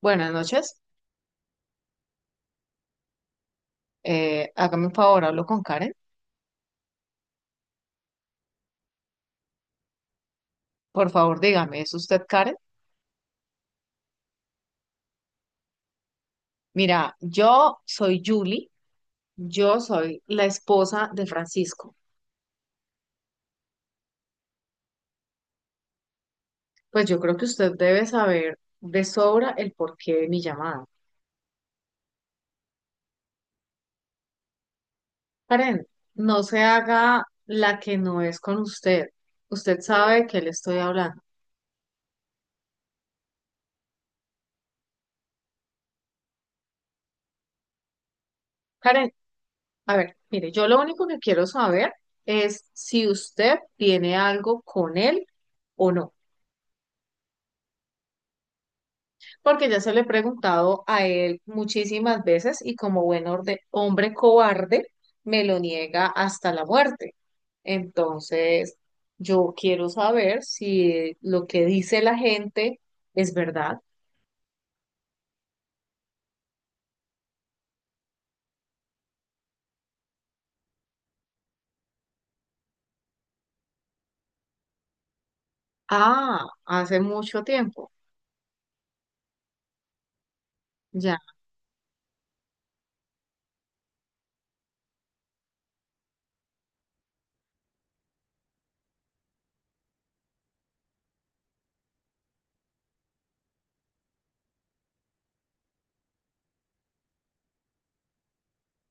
Buenas noches. Hágame un favor, hablo con Karen. Por favor, dígame, ¿es usted Karen? Mira, yo soy Julie, yo soy la esposa de Francisco. Pues yo creo que usted debe saber de sobra el porqué de mi llamada. Karen, no se haga la que no es con usted. Usted sabe de qué le estoy hablando. Karen, a ver, mire, yo lo único que quiero saber es si usted tiene algo con él o no. Porque ya se le he preguntado a él muchísimas veces y como hombre cobarde me lo niega hasta la muerte. Entonces, yo quiero saber si lo que dice la gente es verdad. Ah, hace mucho tiempo, ya.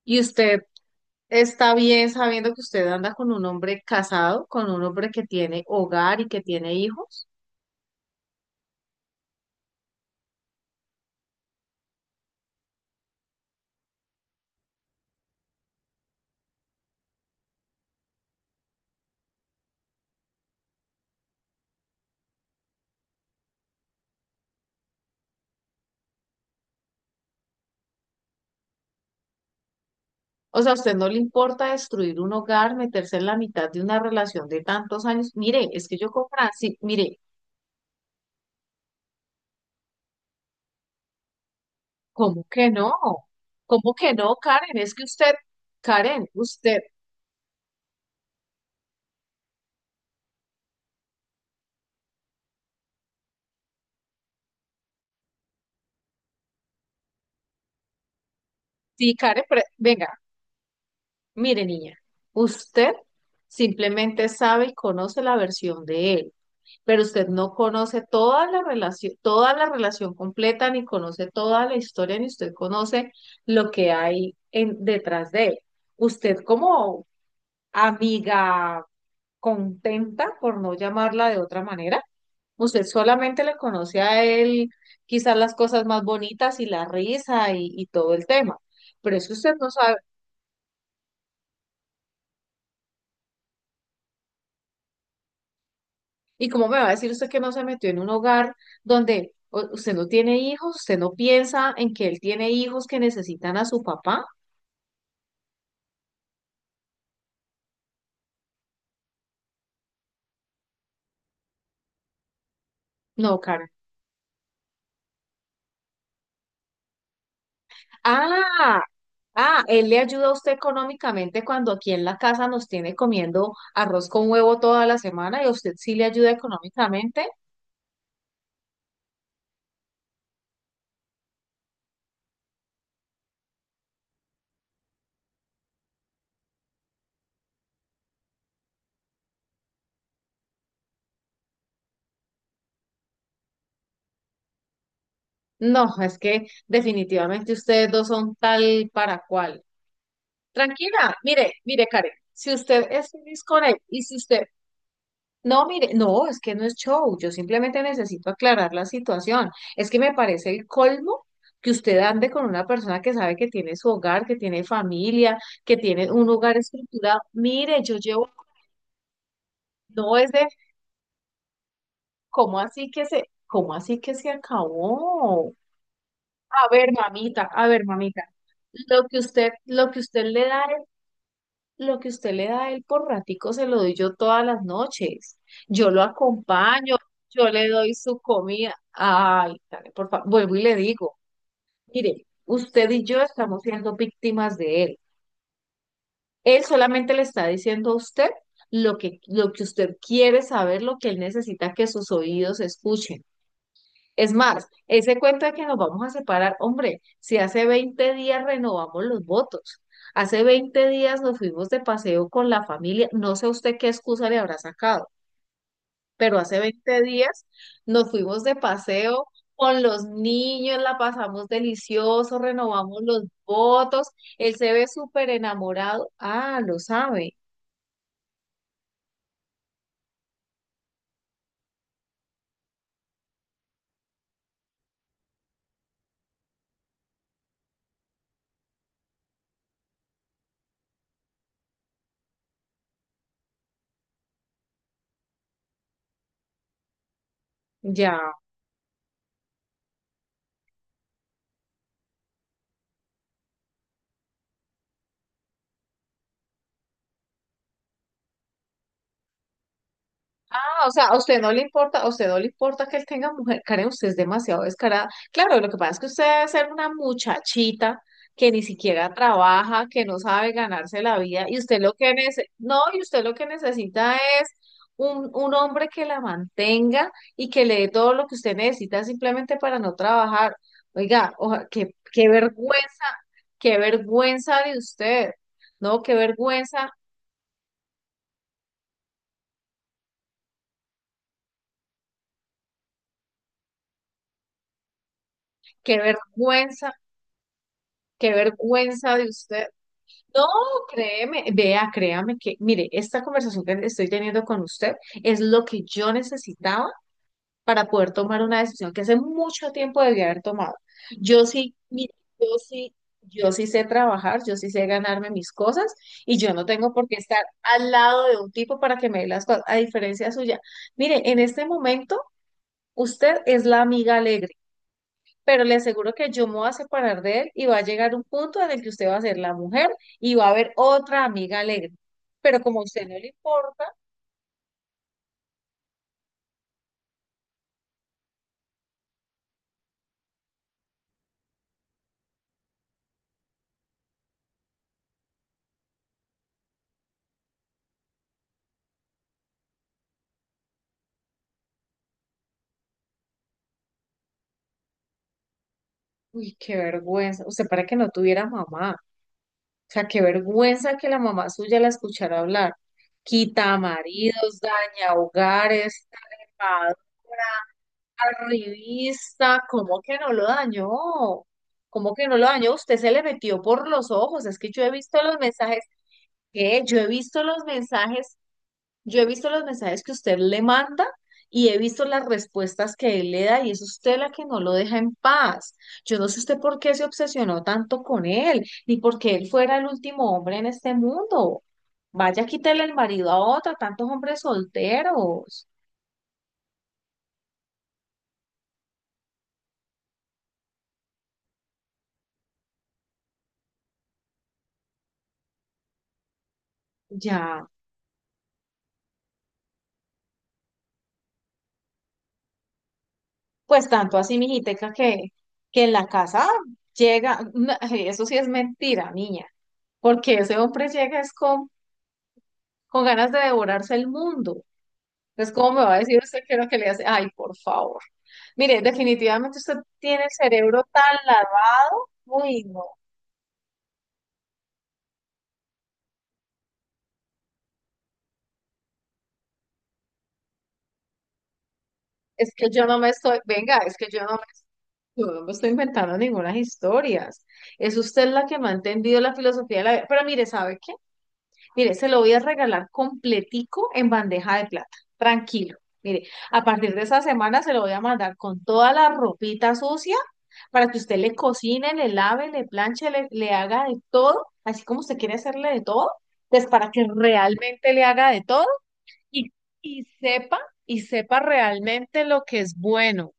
¿Y usted está bien sabiendo que usted anda con un hombre casado, con un hombre que tiene hogar y que tiene hijos? O sea, a usted no le importa destruir un hogar, meterse en la mitad de una relación de tantos años. Mire, es que yo con Francis, mire, ¿cómo que no? ¿Cómo que no, Karen? Es que usted, Karen, usted, sí, Karen, venga, mire, niña, usted simplemente sabe y conoce la versión de él, pero usted no conoce toda la relación completa, ni conoce toda la historia, ni usted conoce lo que hay en, detrás de él. Usted como amiga contenta, por no llamarla de otra manera. Usted solamente le conoce a él quizás las cosas más bonitas y la risa y todo el tema, pero es que usted no sabe. ¿Y cómo me va a decir usted que no se metió en un hogar donde usted no tiene hijos, usted no piensa en que él tiene hijos que necesitan a su papá? No, Karen. Ah, ah, él le ayuda a usted económicamente cuando aquí en la casa nos tiene comiendo arroz con huevo toda la semana y a usted sí le ayuda económicamente. No, es que definitivamente ustedes dos son tal para cual. Tranquila, mire, mire, Karen, si usted es feliz con él y si usted. No, mire, no, es que no es show, yo simplemente necesito aclarar la situación. Es que me parece el colmo que usted ande con una persona que sabe que tiene su hogar, que tiene familia, que tiene un hogar estructurado. Mire, yo llevo, no es de, ¿cómo así que se, cómo así que se acabó? A ver, mamita, lo que usted le da. Lo que usted le da a él por ratico se lo doy yo todas las noches. Yo lo acompaño, yo le doy su comida. Ay, Karen, por favor, vuelvo y le digo, mire, usted y yo estamos siendo víctimas de él. Él solamente le está diciendo a usted lo que usted quiere saber, lo que él necesita que sus oídos escuchen. Es más, ese cuento de que nos vamos a separar, hombre, si hace 20 días renovamos los votos, hace 20 días nos fuimos de paseo con la familia, no sé usted qué excusa le habrá sacado, pero hace 20 días nos fuimos de paseo con los niños, la pasamos delicioso, renovamos los votos, él se ve súper enamorado, ah, lo sabe, ya. Ah, o sea, a usted no le importa, a usted no le importa que él tenga mujer, Karen, usted es demasiado descarada. Claro, lo que pasa es que usted debe ser una muchachita que ni siquiera trabaja, que no sabe ganarse la vida, y usted lo que no, y usted lo que necesita es un hombre que la mantenga y que le dé todo lo que usted necesita simplemente para no trabajar. Oiga, qué vergüenza de usted, ¿no? Qué vergüenza, qué vergüenza, qué vergüenza de usted. No, créeme, vea, créame que, mire, esta conversación que estoy teniendo con usted es lo que yo necesitaba para poder tomar una decisión que hace mucho tiempo debía haber tomado. Yo sí, mire, yo sí, yo sí sé trabajar, yo sí sé ganarme mis cosas y yo no tengo por qué estar al lado de un tipo para que me dé las cosas, a diferencia suya. Mire, en este momento, usted es la amiga alegre pero le aseguro que yo me voy a separar de él y va a llegar un punto en el que usted va a ser la mujer y va a haber otra amiga alegre. Pero como a usted no le importa, uy, qué vergüenza. Usted para que no tuviera mamá. O sea, qué vergüenza que la mamá suya la escuchara hablar. Quita maridos, daña hogares, tapadora, revista. ¿Cómo que no lo dañó? ¿Cómo que no lo dañó? Usted se le metió por los ojos. Es que yo he visto los mensajes. ¿Qué? Yo he visto los mensajes. Yo he visto los mensajes que usted le manda y he visto las respuestas que él le da y es usted la que no lo deja en paz. Yo no sé usted por qué se obsesionó tanto con él, ni por qué él fuera el último hombre en este mundo. Vaya, quítale el marido a otra, tantos hombres solteros. Ya, pues tanto así, mijiteca, que en la casa llega, no, eso sí es mentira, niña, porque ese hombre llega es con ganas de devorarse el mundo. Entonces, ¿cómo me va a decir usted qué es lo que le hace? Ay, por favor. Mire, definitivamente usted tiene el cerebro tan lavado. Uy, no. Es que yo no me estoy, venga, es que yo no me estoy inventando ninguna historias. Es usted la que me ha entendido la filosofía de la vida. Pero mire, ¿sabe? Mire, se lo voy a regalar completico en bandeja de plata. Tranquilo. Mire, a partir de esa semana se lo voy a mandar con toda la ropita sucia para que usted le cocine, le lave, le planche, le haga de todo, así como usted quiere hacerle de todo, pues para que realmente le haga de todo y, y sepa, y sepa realmente lo que es bueno.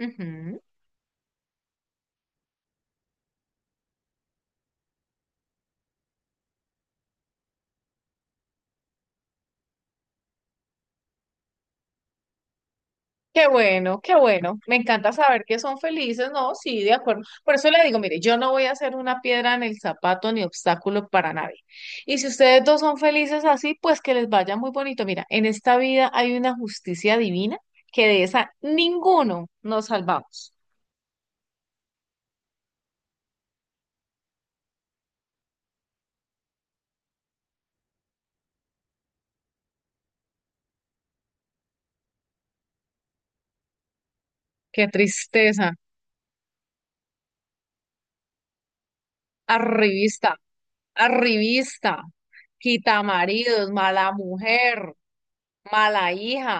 Ujú. Qué bueno, qué bueno. Me encanta saber que son felices, ¿no? Sí, de acuerdo. Por eso le digo, mire, yo no voy a ser una piedra en el zapato ni obstáculo para nadie. Y si ustedes dos son felices así, pues que les vaya muy bonito. Mira, en esta vida hay una justicia divina que de esa ninguno nos salvamos. Qué tristeza. Arribista, arribista, quita maridos, mala mujer, mala hija.